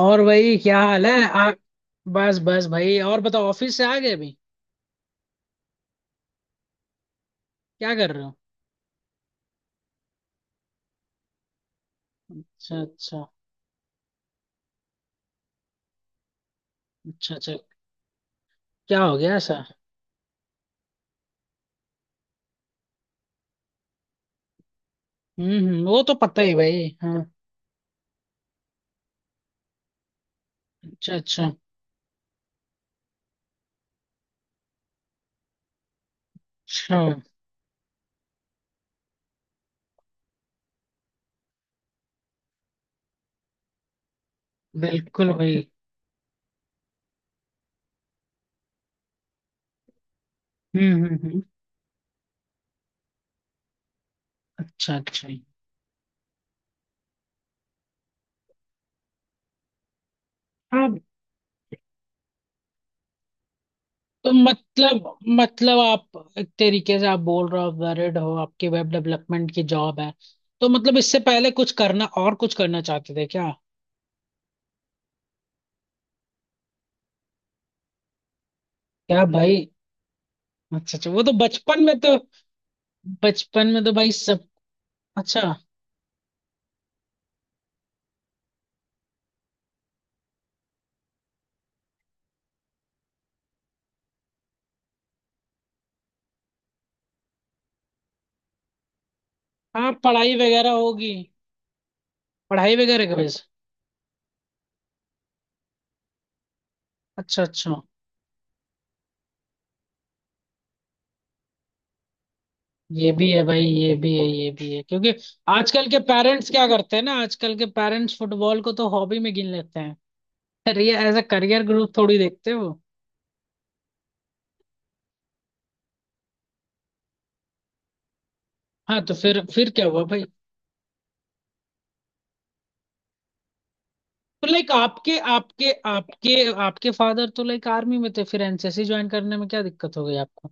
और भाई, क्या हाल है बस बस भाई। और बताओ, ऑफिस से आ गए अभी? क्या कर रहे हो? अच्छा अच्छा। अच्छा अच्छा। क्या हो गया ऐसा? वो तो पता ही भाई, हाँ। अच्छा अच्छा। अच्छा बिल्कुल भाई। हम्म। अच्छा अच्छा। हाँ, तो मतलब आप एक तरीके से आप बोल रहे हो, आप वैरिड हो, आपकी वेब डेवलपमेंट की जॉब है। तो मतलब इससे पहले कुछ करना, और कुछ करना चाहते थे क्या? क्या भाई! अच्छा अच्छा, वो तो बचपन में तो। बचपन में तो भाई सब। अच्छा। हाँ, पढ़ाई वगैरह होगी। पढ़ाई वगैरह का बेस। अच्छा अच्छा। ये भी है भाई, ये भी है, ये भी है। क्योंकि आजकल के पेरेंट्स क्या करते हैं ना, आजकल के पेरेंट्स फुटबॉल को तो हॉबी में गिन लेते हैं। अरे, ये एज अ करियर ग्रुप थोड़ी देखते हो। हाँ, तो फिर क्या हुआ भाई? तो लाइक आपके आपके आपके आपके फादर तो लाइक आर्मी में थे, फिर एनसीसी ज्वाइन करने में क्या दिक्कत हो गई आपको?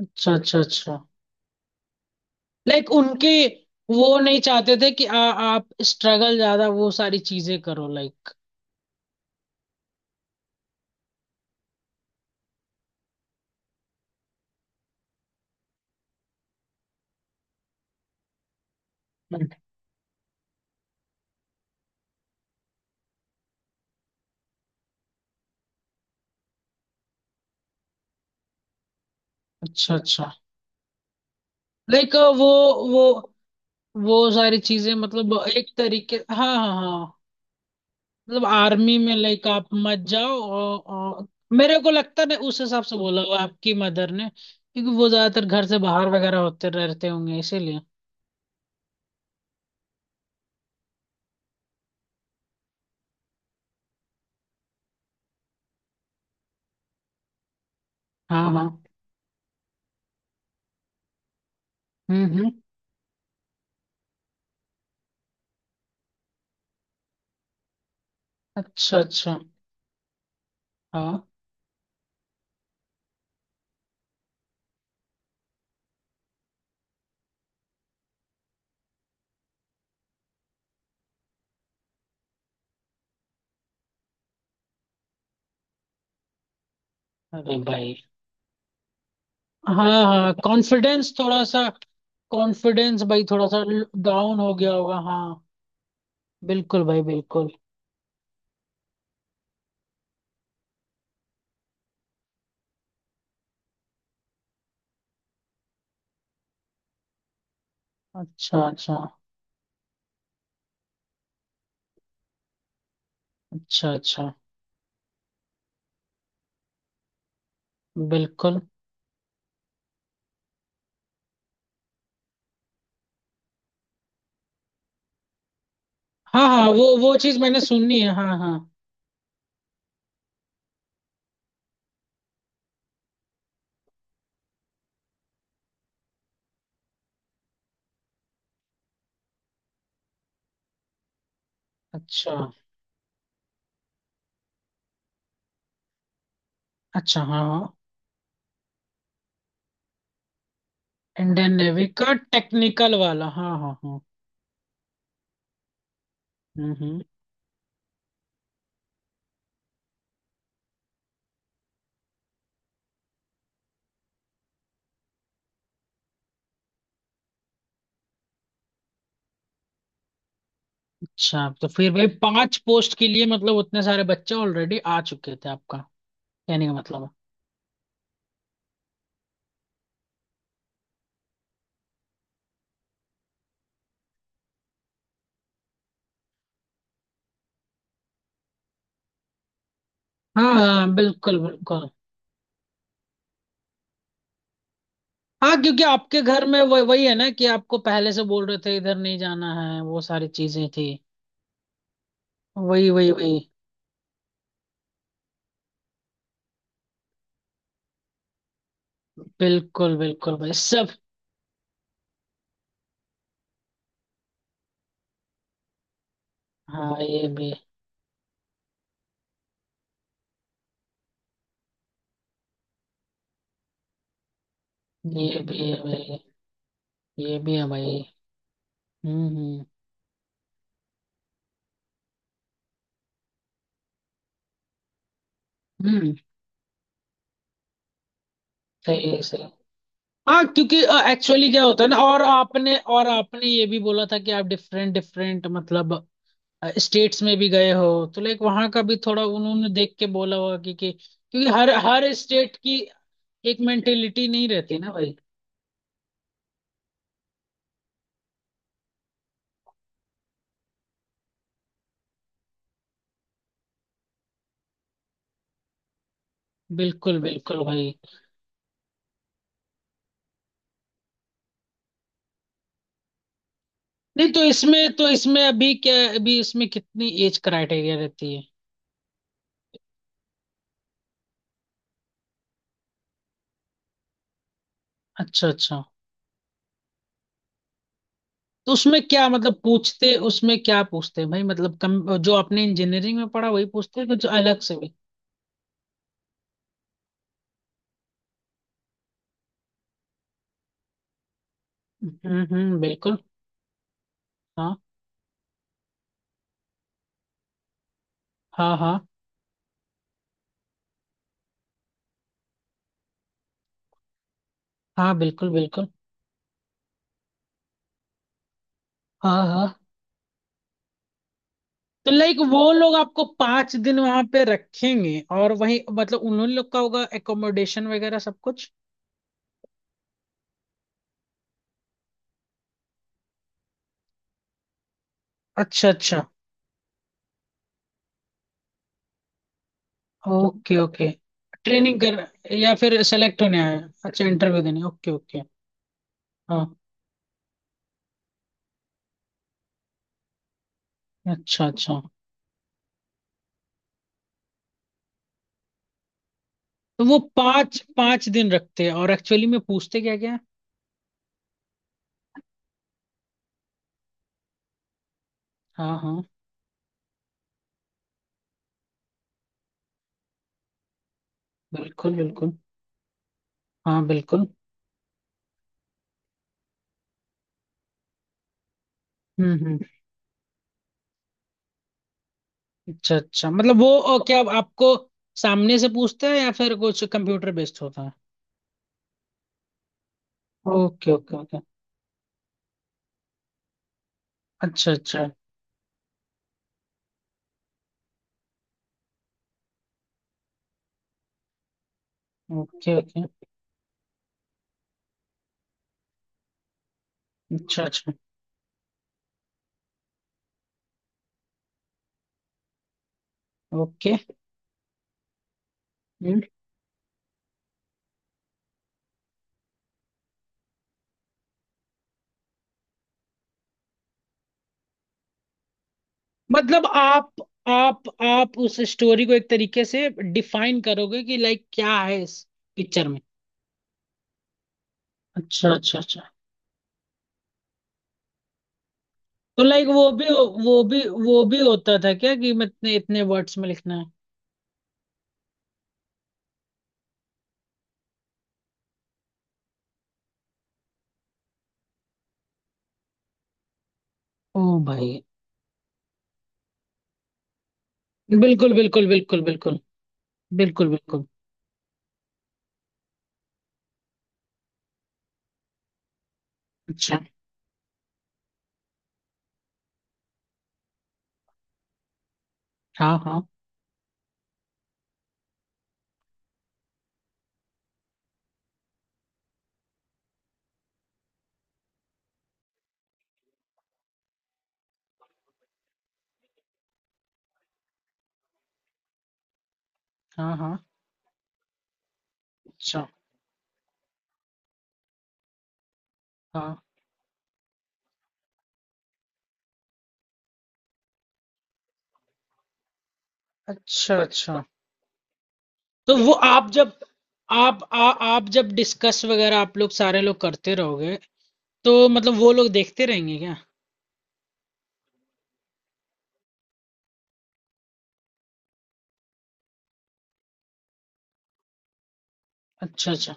अच्छा अच्छा अच्छा। लाइक उनके। वो नहीं चाहते थे कि आप स्ट्रगल ज्यादा वो सारी चीजें करो, लाइक। हम्म, अच्छा अच्छा। लाइक वो वो सारी चीजें मतलब एक तरीके, हाँ हाँ हाँ। मतलब आर्मी में लाइक आप मत जाओ, और मेरे को लगता नहीं, उस हिसाब से बोला हुआ आपकी मदर ने, क्योंकि वो ज्यादातर घर से बाहर वगैरह होते रहते होंगे इसीलिए। हाँ हाँ। हम्म। अच्छा अच्छा। हाँ। अरे भाई। हाँ हाँ, कॉन्फिडेंस थोड़ा सा। कॉन्फिडेंस भाई थोड़ा सा डाउन हो गया होगा, हाँ। बिल्कुल भाई, बिल्कुल। अच्छा अच्छा। अच्छा अच्छा। बिल्कुल। हाँ हाँ, वो चीज मैंने सुनी है, हाँ हाँ। अच्छा अच्छा। हाँ हाँ, इंडियन नेवी का टेक्निकल वाला, हाँ हाँ हाँ। हम्म। अच्छा, तो फिर भाई पांच पोस्ट के लिए मतलब उतने सारे बच्चे ऑलरेडी आ चुके थे आपका। कहने का मतलब है। हाँ हाँ, बिल्कुल बिल्कुल। हाँ, क्योंकि आपके घर में वही वही है ना, कि आपको पहले से बोल रहे थे इधर नहीं जाना है, वो सारी चीजें थी। वही वही वही। बिल्कुल बिल्कुल भाई सब। हाँ, ये भी। ये भी है भाई, ये भी है भाई। हम्म हम्म हम्म, सही है सही है। हाँ, क्योंकि एक्चुअली क्या होता है ना, और आपने ये भी बोला था कि आप डिफरेंट डिफरेंट मतलब स्टेट्स में भी गए हो। तो लाइक वहां का भी थोड़ा उन्होंने देख के बोला होगा कि क्योंकि हर हर स्टेट की एक मेंटेलिटी नहीं रहती ना भाई। बिल्कुल बिल्कुल भाई। नहीं तो इसमें, तो इसमें अभी क्या, अभी इसमें कितनी एज क्राइटेरिया रहती है? अच्छा अच्छा। तो उसमें क्या मतलब पूछते, उसमें क्या पूछते हैं भाई, मतलब कम जो आपने इंजीनियरिंग में पढ़ा वही पूछते हैं, कुछ अलग से भी? हम्म, बिल्कुल। हाँ। हाँ हाँ। हाँ बिल्कुल बिल्कुल। हाँ हाँ, तो लाइक वो लोग आपको पांच दिन वहां पे रखेंगे, और वही मतलब उन्होंने लोग का होगा एकोमोडेशन वगैरह सब कुछ? अच्छा अच्छा। Okay okay. ट्रेनिंग कर या फिर सेलेक्ट होने आए हैं? अच्छा इंटरव्यू देने, ओके ओके। हाँ। अच्छा अच्छा। तो वो पाँच पाँच दिन रखते हैं और एक्चुअली में पूछते क्या? हाँ हाँ। बिल्कुल बिल्कुल। हाँ बिल्कुल। हम्म। अच्छा अच्छा, मतलब वो क्या आपको सामने से पूछता है या फिर कुछ कंप्यूटर बेस्ड होता है? Okay okay okay. अच्छा अच्छा। Okay okay. अच्छा अच्छा। ओके। हम्म। मतलब आप उस स्टोरी को एक तरीके से डिफाइन करोगे कि लाइक क्या है इस पिक्चर में? अच्छा अच्छा अच्छा। तो लाइक वो भी होता था क्या कि मैं इतने इतने वर्ड्स में लिखना है? ओ भाई! बिल्कुल बिल्कुल बिल्कुल बिल्कुल। बिल्कुल बिल्कुल। अच्छा। हाँ हाँ। हाँ हाँ। अच्छा। हाँ। अच्छा अच्छा। तो वो आप जब डिस्कस वगैरह आप लोग सारे लोग करते रहोगे तो मतलब वो लोग देखते रहेंगे क्या? अच्छा अच्छा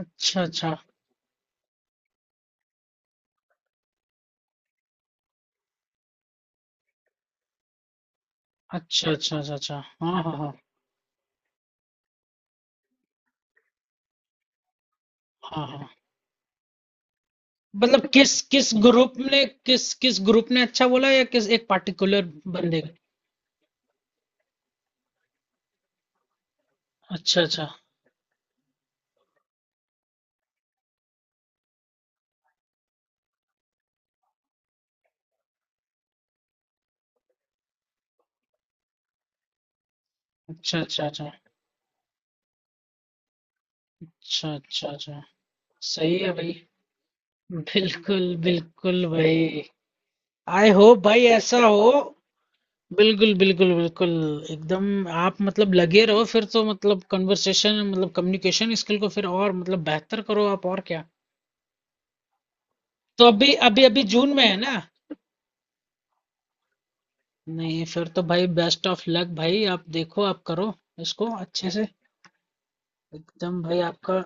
अच्छा अच्छा। अच्छा अच्छा अच्छा अच्छा। हाँ हाँ हाँ हाँ हाँ। मतलब किस किस ग्रुप ने अच्छा बोला, या किस एक पार्टिकुलर बंदे का? अच्छा अच्छा अच्छा अच्छा। अच्छा अच्छा अच्छा अच्छा। सही है भाई। बिल्कुल बिल्कुल भाई। आई होप भाई ऐसा हो। बिल्कुल बिल्कुल बिल्कुल। एकदम। आप मतलब लगे रहो, फिर तो मतलब कन्वर्सेशन, मतलब कम्युनिकेशन स्किल को फिर और मतलब बेहतर करो आप, और क्या। तो अभी अभी अभी जून में है ना? नहीं फिर तो भाई बेस्ट ऑफ लक भाई, आप देखो, आप करो इसको अच्छे से। एकदम भाई, आपका।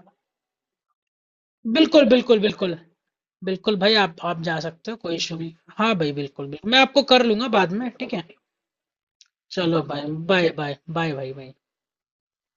बिल्कुल बिल्कुल बिल्कुल। बिल्कुल भाई, आप जा सकते हो, कोई इशू नहीं। हाँ भाई, बिल्कुल बिल्कुल, मैं आपको कर लूंगा बाद में, ठीक है। चलो भाई। बाय बाय बाय भाई, बाय।